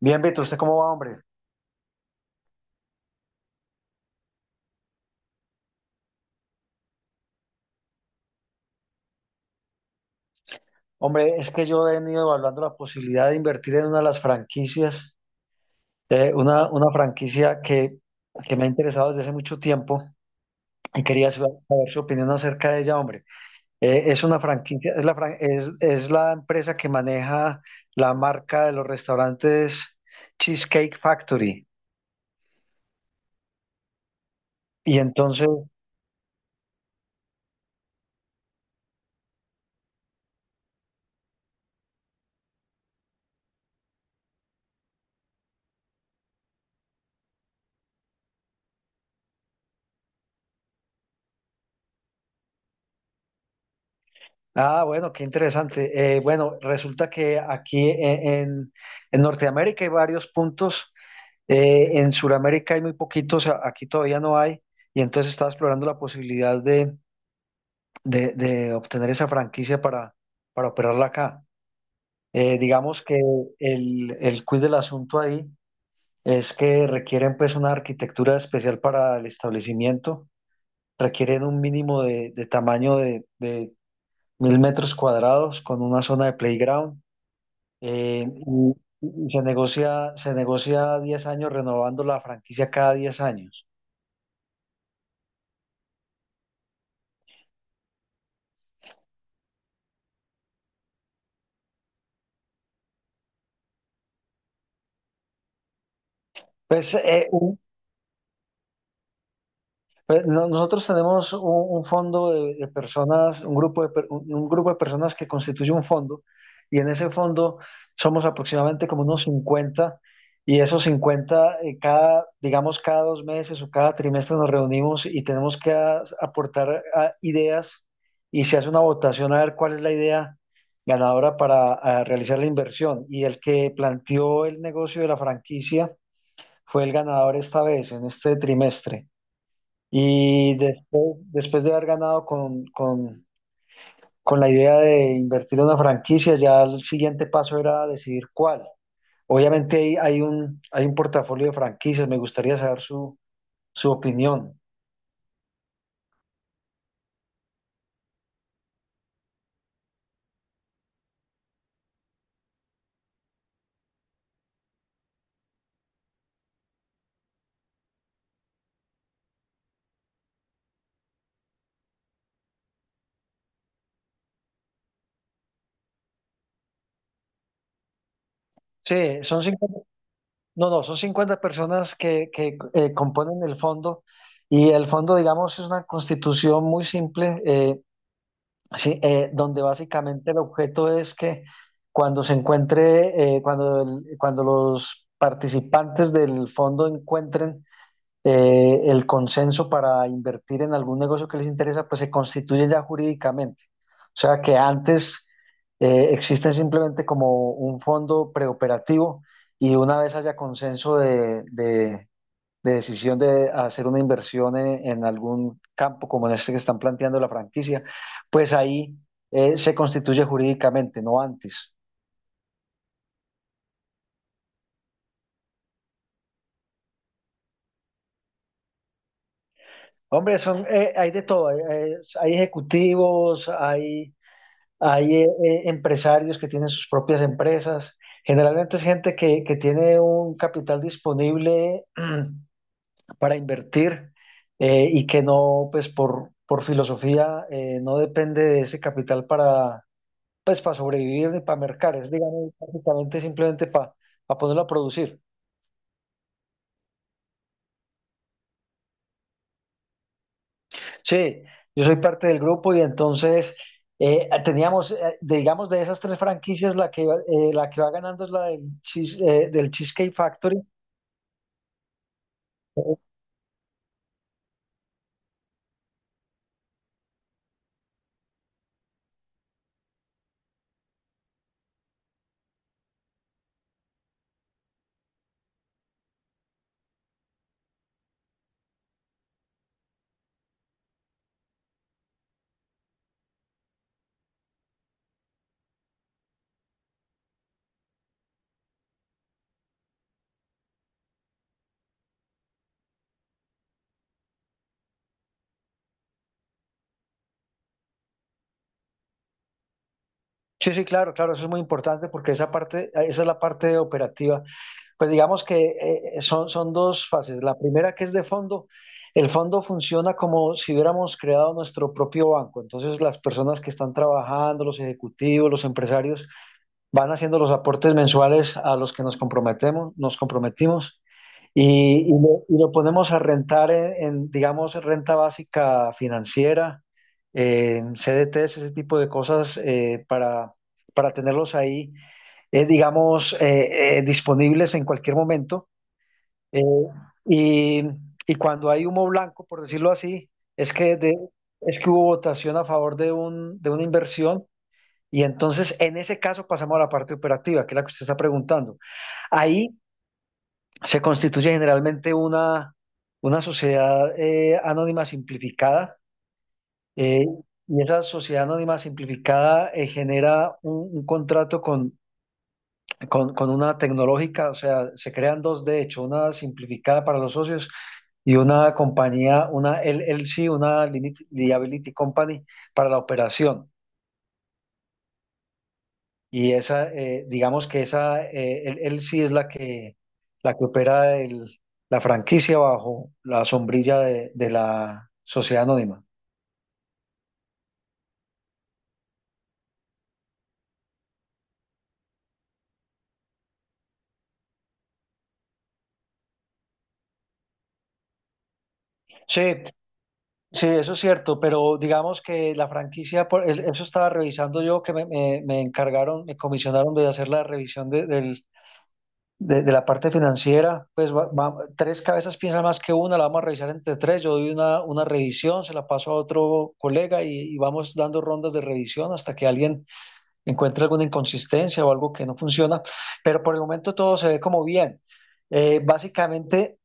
Bien, Beto, ¿usted cómo va, hombre? Hombre, es que yo he venido evaluando la posibilidad de invertir en una de las franquicias, una franquicia que me ha interesado desde hace mucho tiempo y quería saber su opinión acerca de ella, hombre. Es una franquicia, es la empresa que maneja la marca de los restaurantes Cheesecake Factory. Y entonces, ah, bueno, qué interesante. Bueno, resulta que aquí en Norteamérica hay varios puntos. En Sudamérica hay muy poquitos, aquí todavía no hay, y entonces estaba explorando la posibilidad de obtener esa franquicia para operarla acá. Digamos que el quid del asunto ahí es que requieren pues una arquitectura especial para el establecimiento, requieren un mínimo de tamaño de 1.000 metros cuadrados con una zona de playground, eh, y, y se negocia 10 años renovando la franquicia cada 10 años. Pues, nosotros tenemos un fondo de personas, un grupo de personas que constituye un fondo y en ese fondo somos aproximadamente como unos 50, y esos 50 cada, digamos, cada 2 meses o cada trimestre nos reunimos y tenemos que aportar ideas y se hace una votación a ver cuál es la idea ganadora para realizar la inversión y el que planteó el negocio de la franquicia fue el ganador esta vez, en este trimestre. Y después, de haber ganado con la idea de invertir en una franquicia, ya el siguiente paso era decidir cuál. Obviamente hay un portafolio de franquicias, me gustaría saber su opinión. Sí, son 50, no, no, son 50 personas que componen el fondo y el fondo, digamos, es una constitución muy simple. Sí, donde básicamente el objeto es que cuando se encuentre, cuando los participantes del fondo encuentren el consenso para invertir en algún negocio que les interesa, pues se constituye ya jurídicamente. O sea que antes existen simplemente como un fondo preoperativo y una vez haya consenso de decisión de hacer una inversión en algún campo como en este que están planteando la franquicia, pues ahí se constituye jurídicamente, no antes. Hombre, son, hay de todo, hay ejecutivos, hay empresarios que tienen sus propias empresas, generalmente es gente que tiene un capital disponible para invertir y que no, pues por filosofía, no depende de ese capital para pues para sobrevivir ni para mercar, es digamos prácticamente simplemente para ponerlo a producir. Sí, yo soy parte del grupo y entonces teníamos, digamos, de esas tres franquicias, la que va ganando es la del Cheesecake Factory. Sí, sí, claro, claro, eso es muy importante porque esa parte, esa es la parte operativa. Pues digamos que son dos fases. La primera que es de fondo, el fondo funciona como si hubiéramos creado nuestro propio banco. Entonces las personas que están trabajando, los ejecutivos, los empresarios, van haciendo los aportes mensuales a los que nos comprometemos, nos comprometimos, y, y lo ponemos a rentar en, digamos, renta básica financiera, en CDTs, ese tipo de cosas para tenerlos ahí, disponibles en cualquier momento. eh, y, y cuando hay humo blanco, por decirlo así, es que, de, es que hubo votación a favor de una inversión y entonces, en ese caso, pasamos a la parte operativa, que es la que usted está preguntando. Ahí se constituye generalmente una sociedad anónima simplificada. eh, y esa sociedad anónima simplificada genera un contrato con una tecnológica, o sea, se crean dos de hecho, una simplificada para los socios y una compañía, una LLC, una Liability Company para la operación. Y esa, digamos que esa, él sí es la que opera la franquicia bajo la sombrilla de la sociedad anónima. Sí, sí, eso es cierto, pero digamos que la franquicia, eso estaba revisando yo, que me encargaron, me comisionaron de hacer la revisión de la parte financiera, pues tres cabezas piensan más que una, la vamos a revisar entre tres, yo doy una revisión, se la paso a otro colega y vamos dando rondas de revisión hasta que alguien encuentra alguna inconsistencia o algo que no funciona, pero por el momento todo se ve como bien. Básicamente,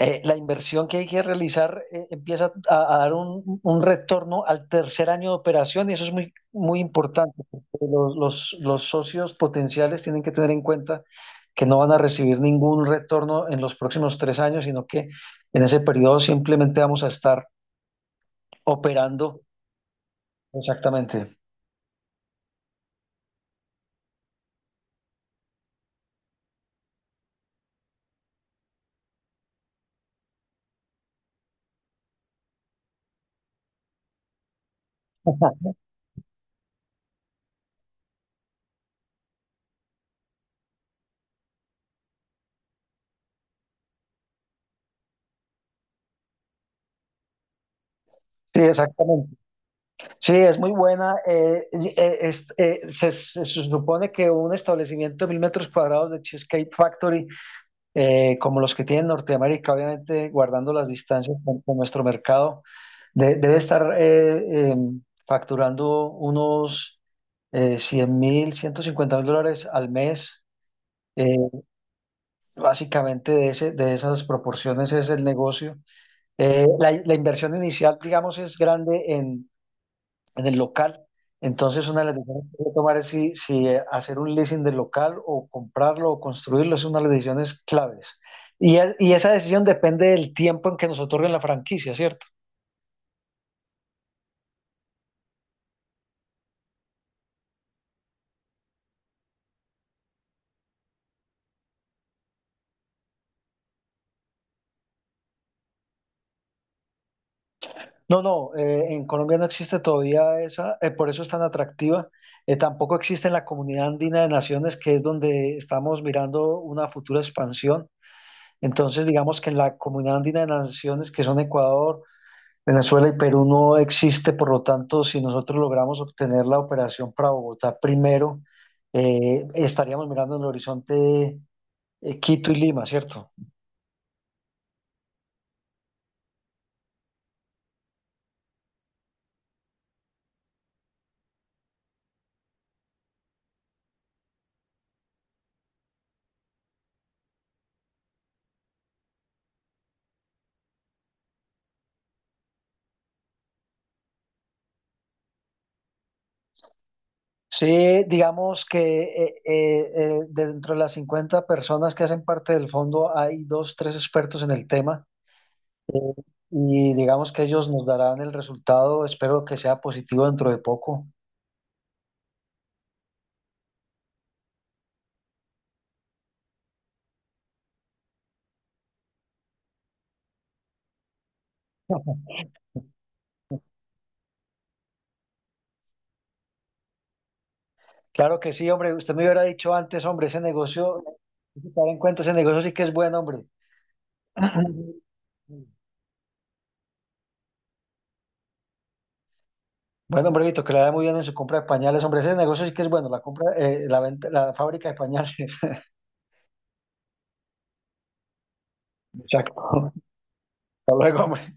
la inversión que hay que realizar empieza a dar un retorno al tercer año de operación y eso es muy, muy importante, porque los socios potenciales tienen que tener en cuenta que no van a recibir ningún retorno en los próximos 3 años, sino que en ese periodo simplemente vamos a estar operando. Exactamente. Sí, exactamente. Sí, es muy buena. Se supone que un establecimiento de 1.000 metros cuadrados de Cheesecake Factory, como los que tiene en Norteamérica, obviamente guardando las distancias con nuestro mercado, debe estar facturando unos 100 mil, 150.000 dólares al mes. Eh, Básicamente de esas proporciones es el negocio. La inversión inicial, digamos, es grande en el local. Entonces, una de las decisiones que hay que tomar es si, hacer un leasing del local o comprarlo o construirlo, es una de las decisiones claves. Y esa decisión depende del tiempo en que nos otorguen la franquicia, ¿cierto? No, no, en Colombia no existe todavía esa, por eso es tan atractiva. Tampoco existe en la comunidad andina de naciones, que es donde estamos mirando una futura expansión. Entonces, digamos que en la comunidad andina de naciones, que son Ecuador, Venezuela y Perú no existe, por lo tanto, si nosotros logramos obtener la operación para Bogotá primero, estaríamos mirando en el horizonte Quito y Lima, ¿cierto? Sí, digamos que dentro de las 50 personas que hacen parte del fondo hay dos, tres expertos en el tema y digamos que ellos nos darán el resultado, espero que sea positivo dentro de poco. Claro que sí, hombre, usted me hubiera dicho antes, hombre, ese negocio, hay que tener en cuenta, ese negocio sí que es bueno, hombre. Bueno, hombre, Vito, que le da muy bien en su compra de pañales. Hombre, ese negocio sí que es bueno, la compra, la venta, la fábrica de pañales. Exacto. Hasta luego, hombre.